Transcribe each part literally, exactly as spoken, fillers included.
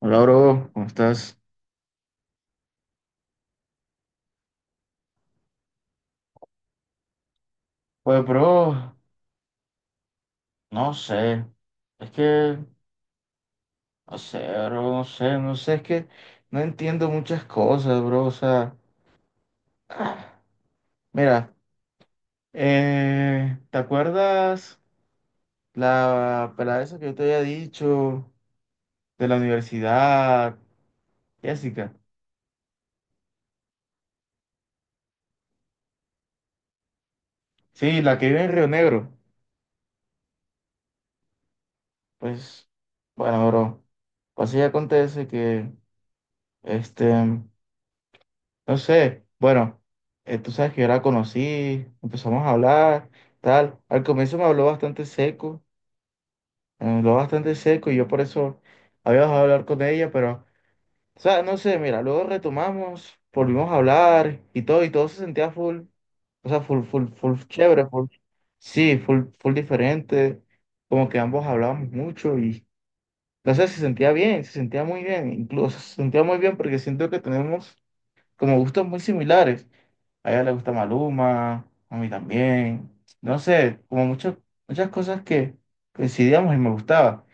Hola, bro, ¿cómo estás? Pues, bro, no sé. Es que, no sé, bro, no sé, no sé, es que no entiendo muchas cosas, bro. O sea, ah, mira, eh, ¿te acuerdas la pelada esa que yo te había dicho de la universidad, Jessica? Sí, la que vive en Río Negro. Pues, bueno, bro, pues así acontece que, este. No sé, bueno, eh, tú sabes que yo la conocí, empezamos a hablar, tal. Al comienzo me habló bastante seco, me habló bastante seco y yo por eso había dejado de hablar con ella, pero, o sea, no sé, mira, luego retomamos, volvimos a hablar y todo, y todo se sentía full, o sea, full, full, full chévere, full, sí, full, full diferente, como que ambos hablábamos mucho y, no sé, se sentía bien, se sentía muy bien, incluso se sentía muy bien porque siento que tenemos como gustos muy similares. A ella le gusta Maluma, a mí también. No sé, como muchas muchas cosas que coincidíamos y me gustaba.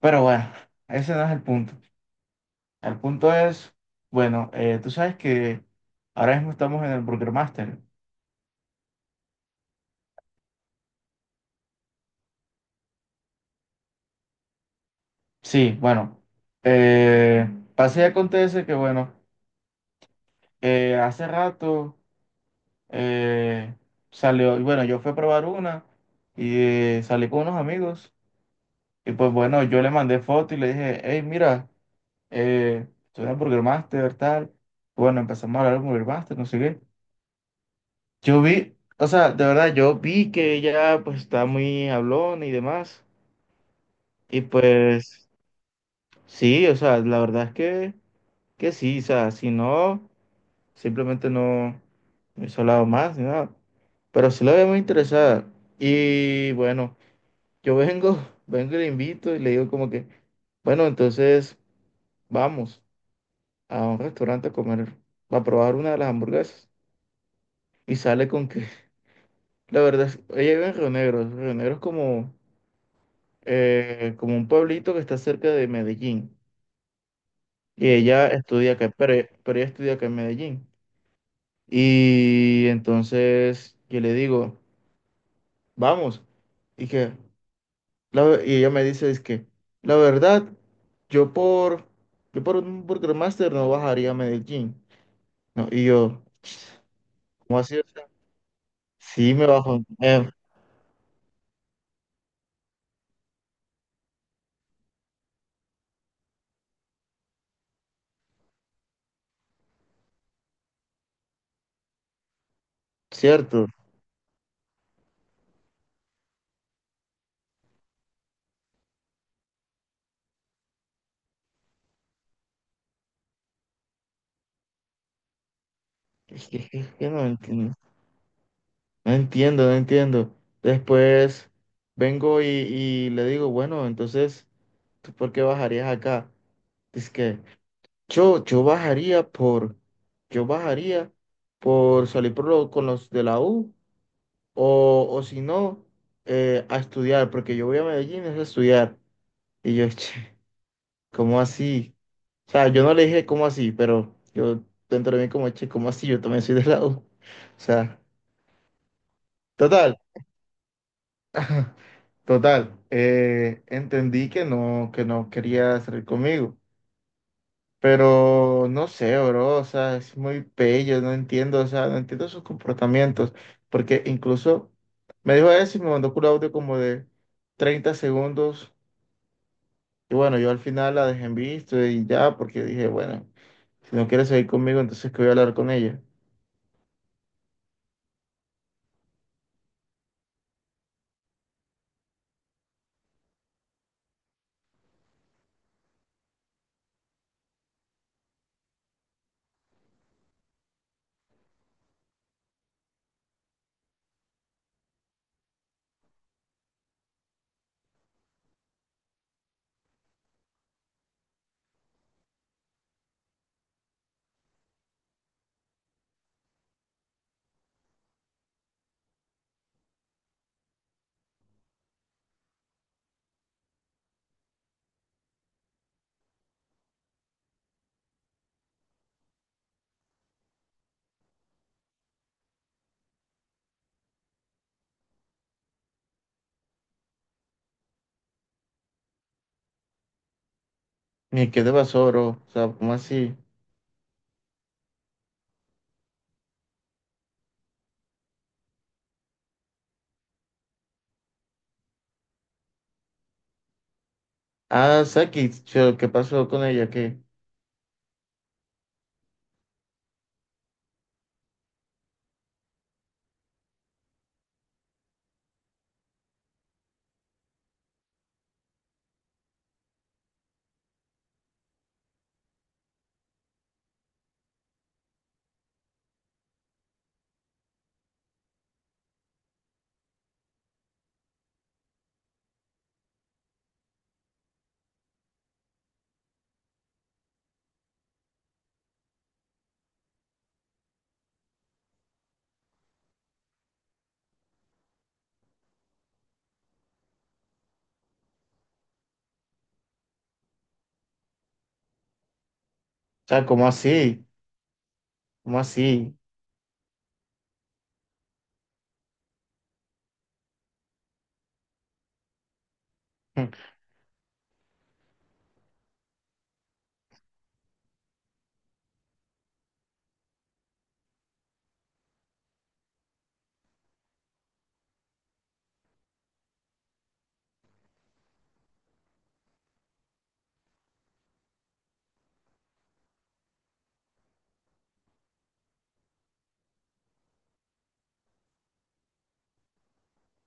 Pero bueno, ese no es el punto. El punto es, bueno, eh, tú sabes que ahora mismo estamos en el Burger Master. Sí, bueno, eh, pasa y acontece que, bueno, eh, hace rato eh, salió, y bueno, yo fui a probar una y eh, salí con unos amigos. Y pues bueno, yo le mandé foto y le dije, hey, mira. Eh, estudié Burger Master, tal. Bueno, empezamos a hablar de Burger Master, no sé qué. Yo vi, o sea, de verdad, yo vi que ella pues estaba muy hablona y demás. Y pues sí, o sea, la verdad es que, que sí, o sea, si no, simplemente no me hubiese hablado más ni nada. Pero sí la veía muy interesada. Y bueno, yo vengo, vengo y le invito y le digo como que, bueno, entonces vamos a un restaurante a comer, a probar una de las hamburguesas. Y sale con que, la verdad, es- ella vive en Río Negro. Río Negro es como, eh, como un pueblito que está cerca de Medellín. Y ella estudia acá, pero, e- pero ella estudia acá en Medellín. Y entonces yo le digo, vamos. Y, que, la ve- y ella me dice, es que, la verdad, yo por, yo por un Burger Master no bajaría a Medellín. No, y yo, ¿cómo así? O sea, sí, me bajo. Eh, cierto. Es que, es que no entiendo. No entiendo, no entiendo. Después vengo y, y le digo, bueno, entonces, ¿tú por qué bajarías acá? Dice que yo, yo bajaría por, yo bajaría por salir por lo- con los de la U o, o si no, eh, a estudiar, porque yo voy a Medellín es a estudiar. Y yo, che, ¿cómo así? O sea, yo no le dije cómo así, pero yo dentro de mí como, che, ¿cómo así? Yo también soy de la U. O sea, total. Total, eh, entendí que no, que no quería salir conmigo, pero no sé, bro, o sea, es muy bello, no entiendo, o sea, no entiendo sus comportamientos, porque incluso me dijo eso y me mandó un audio como de treinta segundos, y bueno, yo al final la dejé en visto y ya, porque dije, bueno, si no quieres seguir conmigo, entonces que voy a hablar con ella. ¿Y qué te pasó, bro, o sea, ¿cómo así? Ah, Saki, ¿qué pasó con ella? ¿Qué? O sea, ¿cómo así? ¿Cómo así? Mm.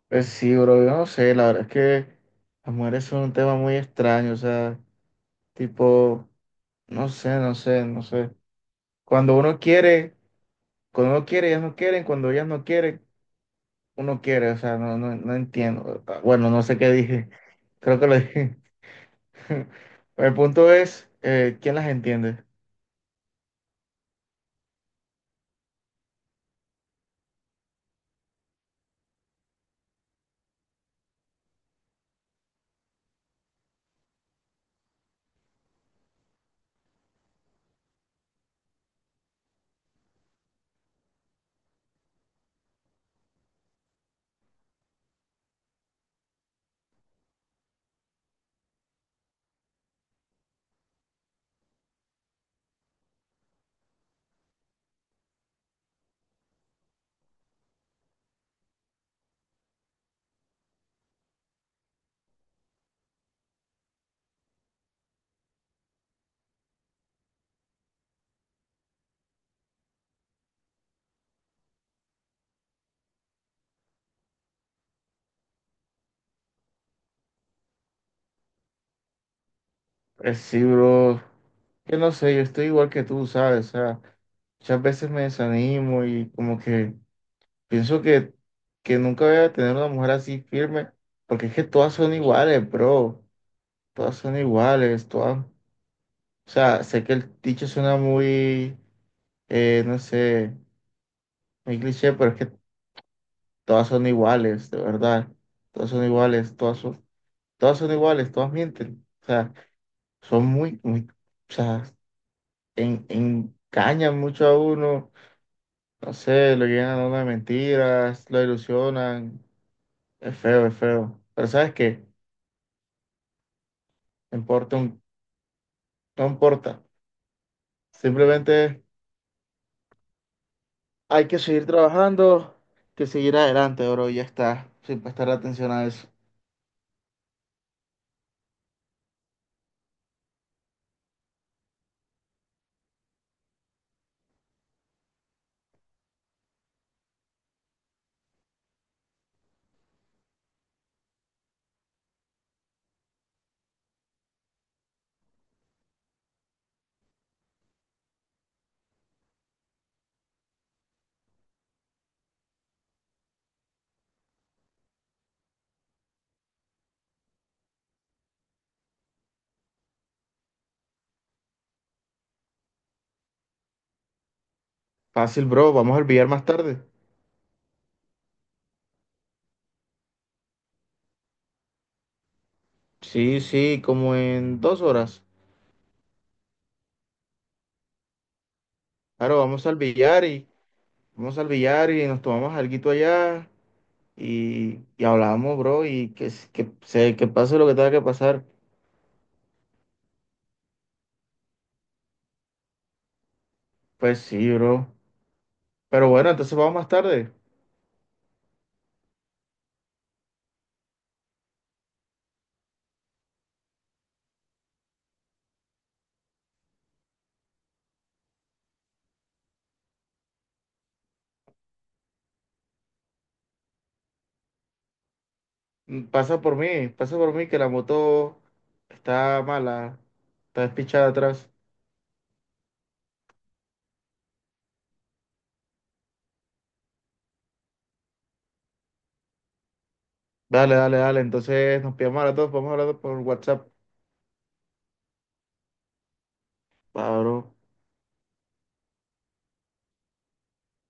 Pues sí, bro, yo no sé, la verdad es que las mujeres son un tema muy extraño, o sea, tipo, no sé, no sé, no sé. Cuando uno quiere, cuando uno quiere, ellas no quieren, cuando ellas no quieren, uno quiere, o sea, no, no, no entiendo. Ah, bueno, no sé qué dije, creo que lo dije. El punto es, eh, ¿quién las entiende? Pues sí, bro, yo no sé, yo estoy igual que tú, ¿sabes? O sea, muchas veces me desanimo y como que... Pienso que, que nunca voy a tener una mujer así firme, porque es que todas son iguales, bro. Todas son iguales, todas. O sea, sé que el dicho suena muy, eh, no sé, muy cliché, pero es que todas son iguales, de verdad. Todas son iguales, todas son, todas son iguales, todas mienten. O sea, son muy, muy, o sea, en- engañan mucho a uno. No sé, lo llenan a uno de mentiras, lo ilusionan. Es feo, es feo. Pero ¿sabes qué? No importa, un- no importa. Simplemente hay que seguir trabajando, que seguir adelante, bro, y ya está, sin prestar atención a eso. Fácil, bro, vamos al billar más tarde. Sí, sí, como en dos horas. Claro, vamos al billar y vamos al billar y nos tomamos alguito allá y, y hablamos, bro, y que, s- que, se, que pase lo que tenga que pasar. Pues sí, bro. Pero bueno, entonces vamos más tarde. Mm, pasa por mí, pasa por mí que la moto está mala, está despichada atrás. Dale, dale, dale. Entonces nos pillamos a las dos, vamos a hablar por WhatsApp. Claro.